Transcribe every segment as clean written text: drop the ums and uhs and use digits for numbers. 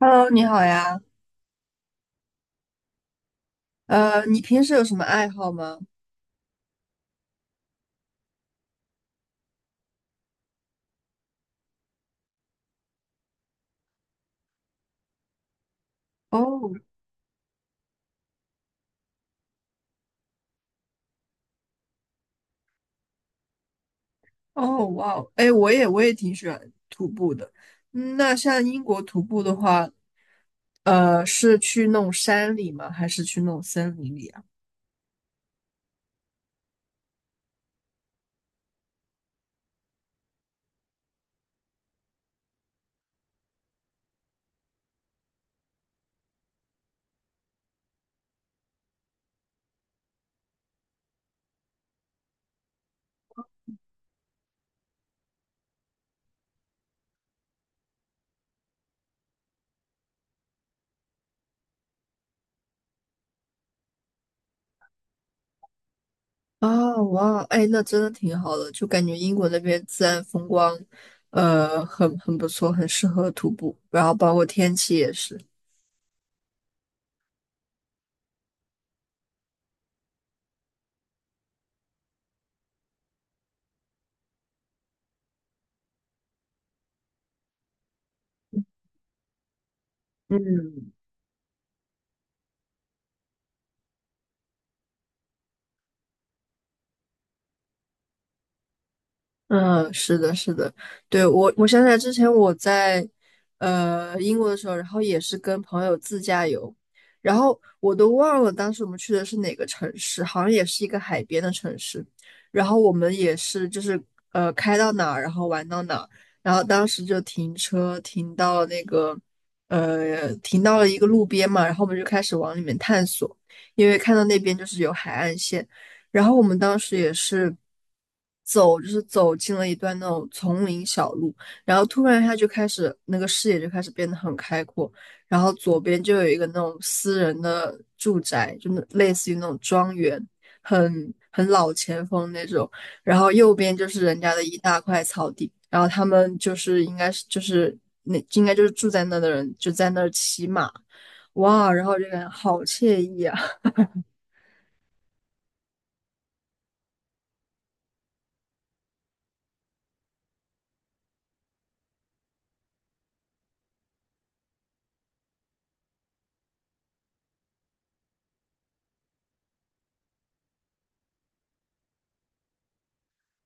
Hello，你好呀。你平时有什么爱好吗？哦哦，哇哦，哎，我也挺喜欢徒步的。嗯，那像英国徒步的话，是去那种山里吗？还是去那种森林里啊？哦，哇，哎，那真的挺好的，就感觉英国那边自然风光，很不错，很适合徒步，然后包括天气也是。嗯嗯，是的，是的，对，我想起来之前我在英国的时候，然后也是跟朋友自驾游，然后我都忘了当时我们去的是哪个城市，好像也是一个海边的城市，然后我们也是就是开到哪儿，然后玩到哪儿，然后当时就停车停到那个停到了一个路边嘛，然后我们就开始往里面探索，因为看到那边就是有海岸线。然后我们当时也是就是走进了一段那种丛林小路，然后突然一下就开始那个视野就开始变得很开阔，然后左边就有一个那种私人的住宅，就那类似于那种庄园，很老前锋那种，然后右边就是人家的一大块草地，然后他们就是那应该就是住在那的人就在那儿骑马，哇，然后这就感觉好惬意啊。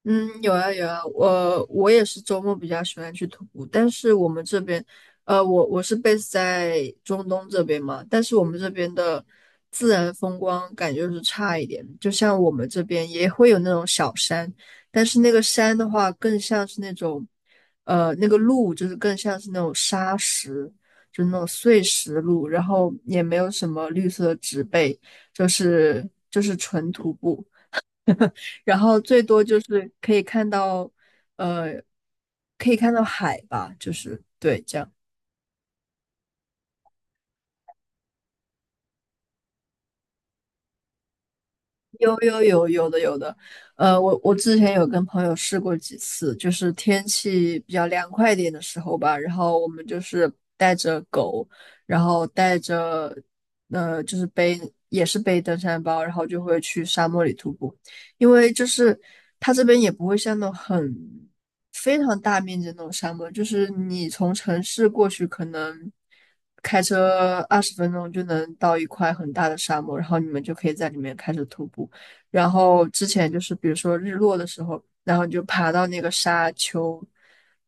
嗯，有啊有啊，我也是周末比较喜欢去徒步，但是我们这边，我是 base 在中东这边嘛，但是我们这边的自然风光感觉就是差一点，就像我们这边也会有那种小山，但是那个山的话更像是那种，那个路就是更像是那种沙石，就那种碎石路，然后也没有什么绿色的植被，就是纯徒步。然后最多就是可以看到，呃，可以看到海吧，就是对这样。有的有的，我之前有跟朋友试过几次，就是天气比较凉快一点的时候吧，然后我们就是带着狗，然后带着就是也是背登山包，然后就会去沙漠里徒步，因为就是它这边也不会像那种非常大面积的那种沙漠，就是你从城市过去可能。开车20分钟就能到一块很大的沙漠，然后你们就可以在里面开始徒步。然后之前就是比如说日落的时候，然后你就爬到那个沙丘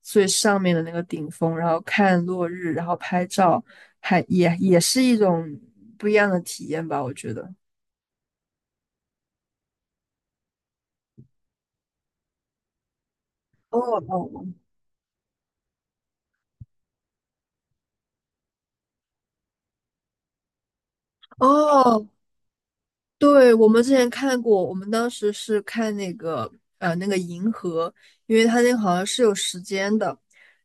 最上面的那个顶峰，然后看落日，然后拍照，也是一种不一样的体验吧，我觉得。哦哦哦，对，我们之前看过，我们当时是看那个那个银河，因为它那个好像是有时间的，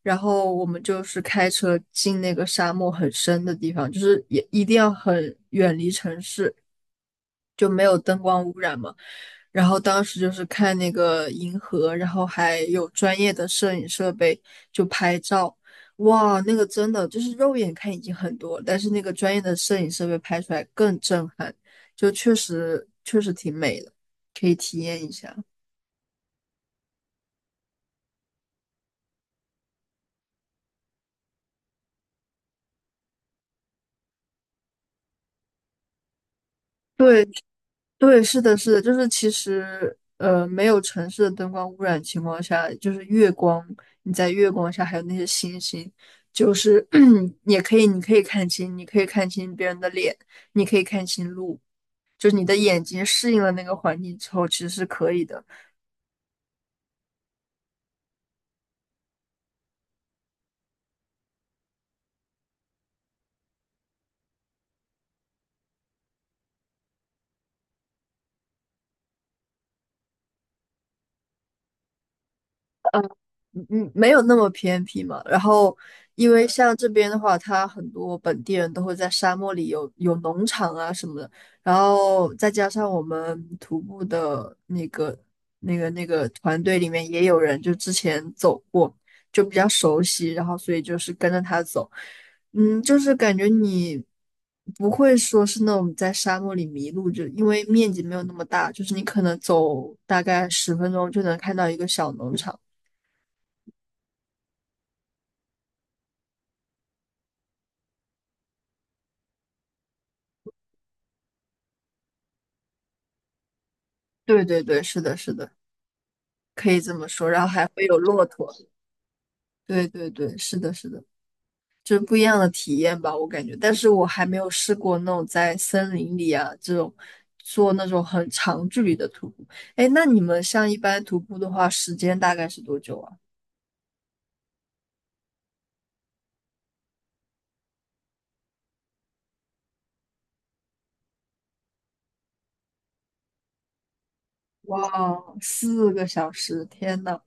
然后我们就是开车进那个沙漠很深的地方，就是也一定要很远离城市，就没有灯光污染嘛。然后当时就是看那个银河，然后还有专业的摄影设备就拍照，哇，那个真的就是肉眼看已经很多了，但是那个专业的摄影设备拍出来更震撼，就确实挺美的，可以体验一下。对，对，是的，是的，就是其实，没有城市的灯光污染情况下，就是月光，你在月光下还有那些星星，就是 也可以，你可以看清别人的脸，你可以看清路，就是你的眼睛适应了那个环境之后，其实是可以的。嗯嗯，没有那么偏僻嘛。然后，因为像这边的话，它很多本地人都会在沙漠里有农场啊什么的。然后再加上我们徒步的那个团队里面也有人就之前走过，就比较熟悉。然后所以就是跟着他走，嗯，就是感觉你不会说是那种在沙漠里迷路，就因为面积没有那么大，就是你可能走大概十分钟就能看到一个小农场。对对对，是的，是的，可以这么说。然后还会有骆驼，对对对，是的，是的，就是不一样的体验吧，我感觉。但是我还没有试过那种在森林里啊这种做那种很长距离的徒步。哎，那你们像一般徒步的话，时间大概是多久啊？哇，四个小时！天呐，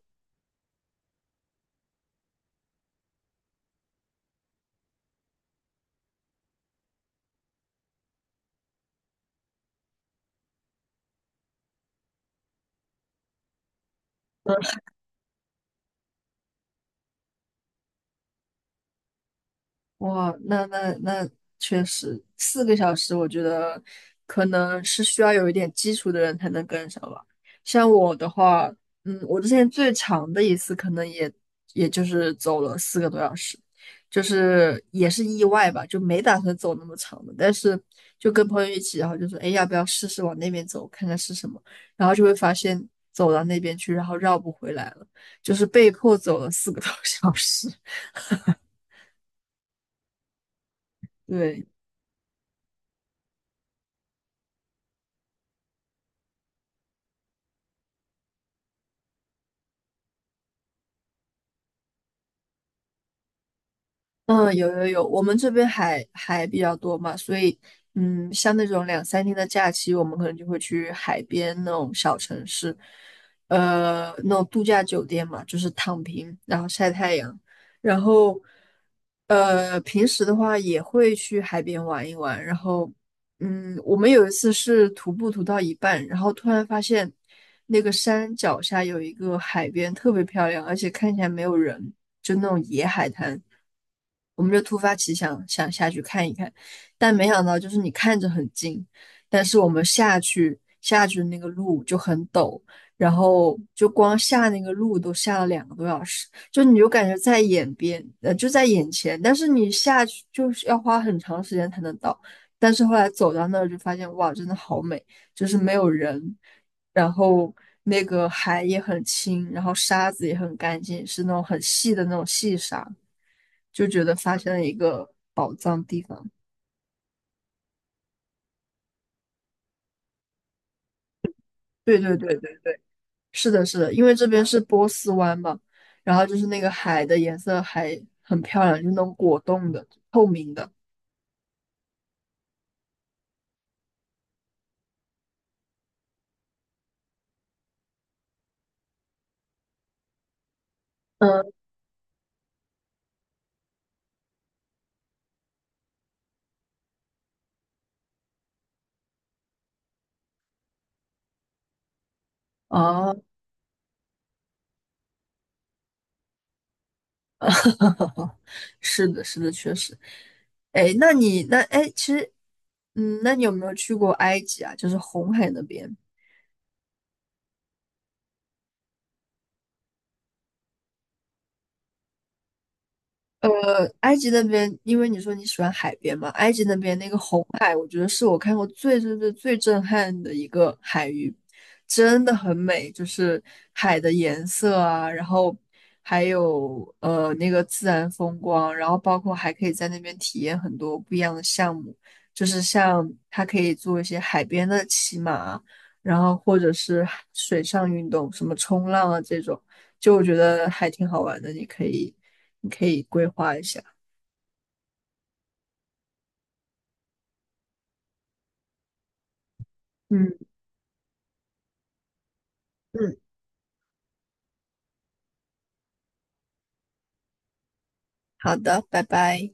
哇，那确实，四个小时，我觉得可能是需要有一点基础的人才能跟上吧。像我的话，嗯，我之前最长的一次可能也就是走了四个多小时，就是也是意外吧，就没打算走那么长的，但是就跟朋友一起，然后就说，哎，要不要试试往那边走，看看是什么？然后就会发现走到那边去，然后绕不回来了，就是被迫走了四个多小时。对。嗯，有，我们这边海比较多嘛，所以嗯，像那种2、3天的假期，我们可能就会去海边那种小城市，那种度假酒店嘛，就是躺平，然后晒太阳，然后平时的话也会去海边玩一玩，然后嗯，我们有一次是徒步徒到一半，然后突然发现那个山脚下有一个海边，特别漂亮，而且看起来没有人，就那种野海滩。我们就突发奇想，想下去看一看，但没想到就是你看着很近，但是我们下去那个路就很陡，然后就光下那个路都下了2个多小时，就你就感觉在眼边，就在眼前，但是你下去就是要花很长时间才能到。但是后来走到那儿就发现，哇，真的好美，就是没有人，然后那个海也很清，然后沙子也很干净，是那种很细的那种细沙，就觉得发现了一个宝藏地方。对，是的，是的，因为这边是波斯湾嘛，然后就是那个海的颜色还很漂亮，就是那种果冻的、透明的。嗯，哦、是的，是的，确实。哎，那你那哎，其实，嗯，那你有没有去过埃及啊？就是红海那边。埃及那边，因为你说你喜欢海边嘛，埃及那边那个红海，我觉得是我看过最最最最震撼的一个海域，真的很美，就是海的颜色啊，然后还有那个自然风光，然后包括还可以在那边体验很多不一样的项目，就是像它可以做一些海边的骑马，然后或者是水上运动，什么冲浪啊这种，就我觉得还挺好玩的，你可以规划一下。嗯，嗯，好的，拜拜。